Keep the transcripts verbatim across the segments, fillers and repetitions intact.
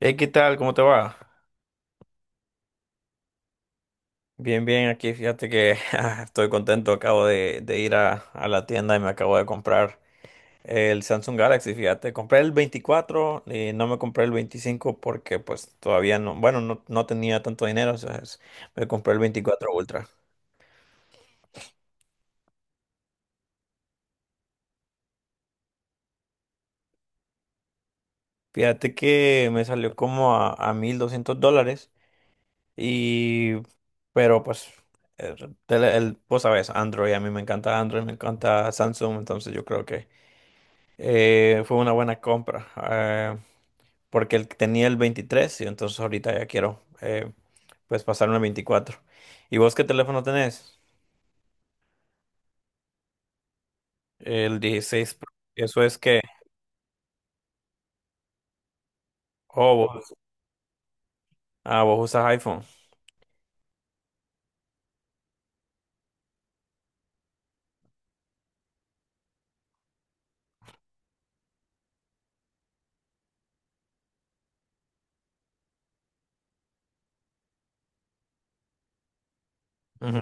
Hey, ¿qué tal? ¿Cómo te va? Bien, bien, aquí fíjate que ah, estoy contento, acabo de, de ir a, a la tienda y me acabo de comprar el Samsung Galaxy, fíjate, compré el veinticuatro y no me compré el veinticinco porque pues todavía no, bueno, no, no tenía tanto dinero, o sea, es- me compré el veinticuatro Ultra. Fíjate que me salió como a, a mil doscientos dólares y, pero pues, el, el, vos sabes, Android, a mí me encanta Android, me encanta Samsung, entonces yo creo que... Eh, fue una buena compra, eh, porque el- tenía el veintitrés y entonces ahorita ya quiero eh, pues pasarme al veinticuatro. ¿Y vos qué teléfono tenés? El dieciséis. Pro. Eso es que... Oh, vos, ah, vos usas iPhone. Ujú.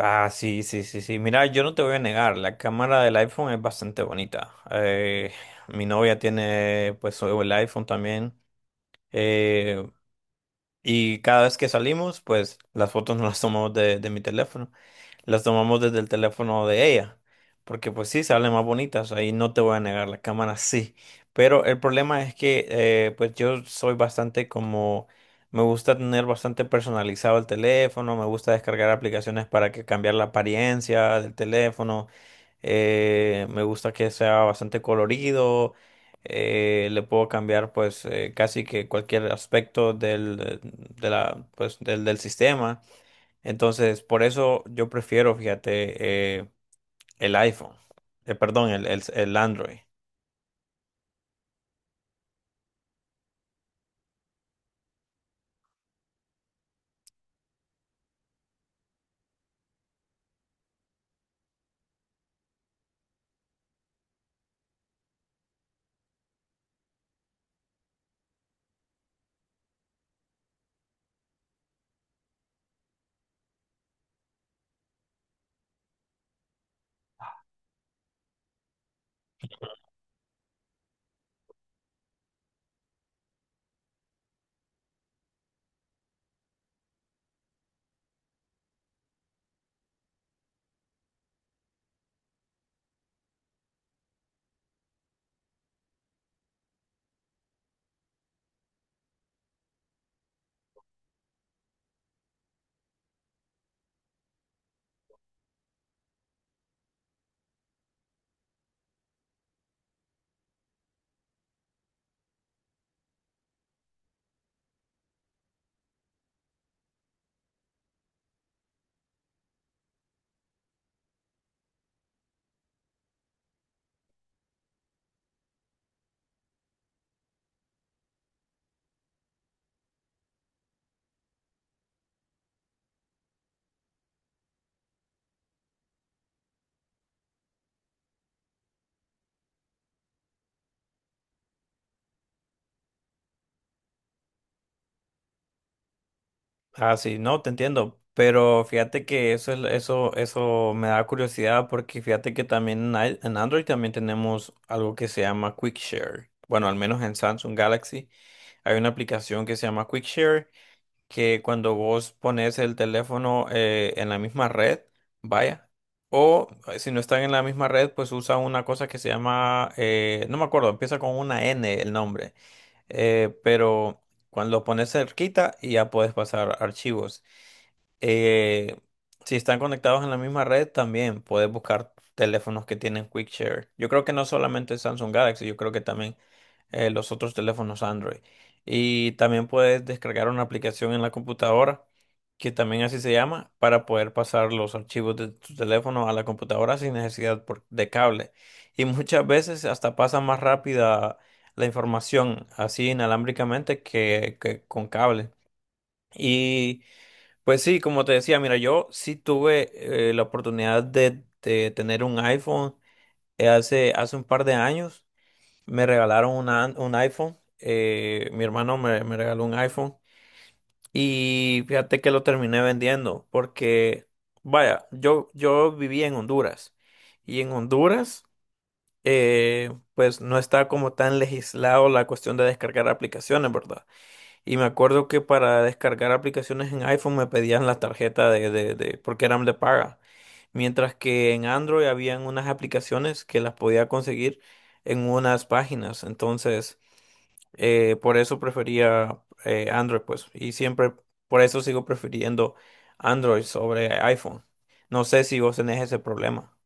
Ah, sí, sí, sí, sí. Mira, yo no te voy a negar, la cámara del iPhone es bastante bonita. Eh, mi novia tiene pues el iPhone también. Eh, Y cada vez que salimos, pues las fotos no las tomamos de, de mi teléfono, las tomamos desde el teléfono de ella, porque pues sí, salen más bonitas, ahí no te voy a negar, la cámara sí, pero el problema es que eh, pues yo soy bastante como, me gusta tener bastante personalizado el teléfono, me gusta descargar aplicaciones para que cambiar la apariencia del teléfono, eh, me gusta que sea bastante colorido. Eh, le puedo cambiar pues eh, casi que cualquier aspecto del, eh, de la, pues, del, del sistema. Entonces, por eso yo prefiero, fíjate, eh, el iPhone. Eh, perdón, el, el, el Android. Ah, sí, no, te entiendo, pero fíjate que eso, es eso, eso me da curiosidad porque fíjate que también en ai- en Android también tenemos algo que se llama QuickShare. Bueno, al menos en Samsung Galaxy hay una aplicación que se llama QuickShare que cuando vos pones el teléfono eh, en la misma red, vaya, o eh, si no están en la misma red, pues usa una cosa que se llama, eh, no me acuerdo, empieza con una N el nombre, eh, pero... Cuando lo pones cerquita y ya puedes pasar archivos. Eh, si están conectados en la misma red, también puedes buscar teléfonos que tienen Quick Share. Yo creo que no solamente Samsung Galaxy, yo creo que también eh, los otros teléfonos Android. Y también puedes descargar una aplicación en la computadora, que también así se llama, para poder pasar los archivos de tu teléfono a la computadora sin necesidad por- de cable. Y muchas veces hasta pasa más rápida la información así inalámbricamente que, que con cable. Pues sí, como te decía, mira, yo sí tuve eh, la oportunidad de, de tener un iPhone eh, hace, hace un par de años. Me regalaron una- un iPhone, eh, mi hermano me, me regaló un iPhone y fíjate que lo terminé vendiendo porque, vaya, yo, yo vivía en Honduras y en Honduras eh, pues no está como tan legislado la cuestión de descargar aplicaciones, ¿verdad? Y me acuerdo que para descargar aplicaciones en iPhone me pedían la tarjeta de, de, de- porque eran de paga. Mientras que en Android habían unas aplicaciones que las podía conseguir en unas páginas. Entonces, eh, por eso prefería eh, Android, pues. Y siempre, por eso sigo prefiriendo Android sobre iPhone. No sé si vos tenés ese problema.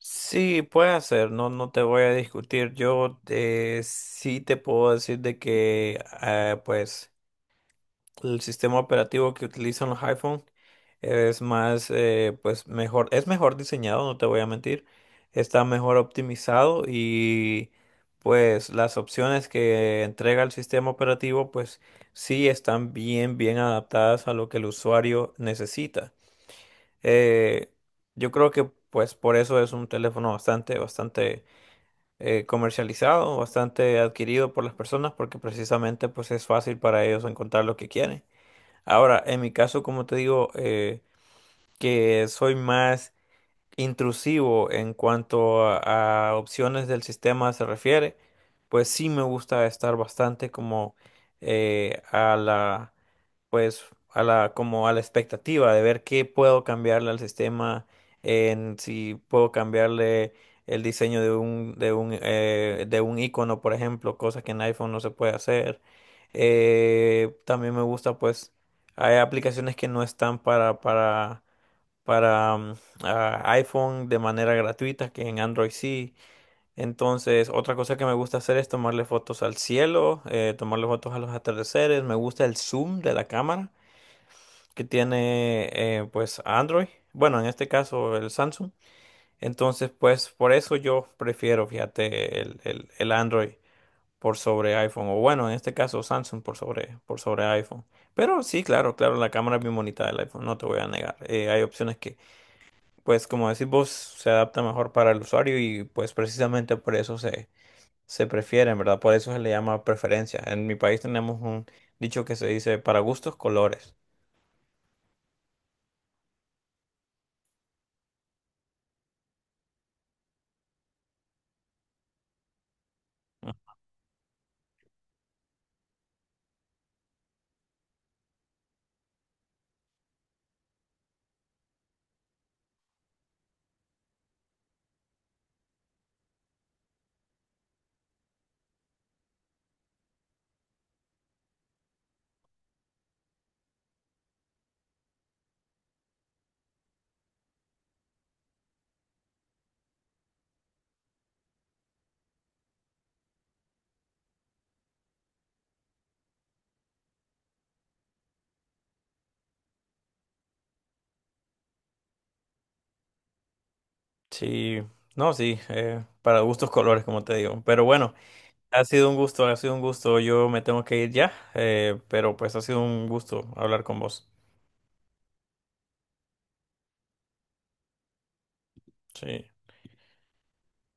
Sí, puede ser, no, no te voy a discutir. Yo eh, sí te puedo decir de que, eh, pues. El sistema operativo que utilizan los iPhone es más, eh, pues mejor, es mejor diseñado, no te voy a mentir, está mejor optimizado y pues las opciones que entrega el sistema operativo pues sí están bien, bien adaptadas a lo que el usuario necesita. Eh, yo creo que pues por eso es un teléfono bastante, bastante eh, comercializado, bastante adquirido por las personas porque precisamente pues es fácil para ellos encontrar lo que quieren. Ahora, en mi caso, como te digo, eh, que soy más intrusivo en cuanto a, a opciones del sistema se refiere, pues sí me gusta estar bastante como eh, a la pues a la como a la expectativa de ver qué puedo cambiarle al sistema, en si puedo cambiarle el diseño de un de un eh, de un icono, por ejemplo, cosas que en iPhone no se puede hacer. Eh, también me gusta pues hay aplicaciones que no están para para para mm, a- iPhone de manera gratuita, que en Android sí. Entonces, otra cosa que me gusta hacer es tomarle fotos al cielo, eh, tomarle fotos a los atardeceres. Me gusta el zoom de la cámara que tiene eh, pues Android, bueno, en este caso el Samsung. Entonces, pues por eso yo prefiero, fíjate, el, el- el Android por sobre iPhone, o bueno, en este caso Samsung por sobre, por sobre iPhone. Pero sí, claro, claro, la cámara es bien bonita del iPhone, no te voy a negar. Eh, hay opciones que, pues como decís vos, se adapta mejor para el usuario y pues precisamente por eso se, se prefieren, ¿verdad? Por eso se le llama preferencia. En mi país tenemos un dicho que se dice para gustos, colores. Sí, no, sí, eh, para gustos colores, como te digo. Pero bueno, ha sido un gusto, ha sido un gusto. Yo me tengo que ir ya, eh, pero pues ha sido un gusto hablar con vos. Sí,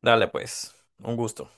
dale pues, un gusto.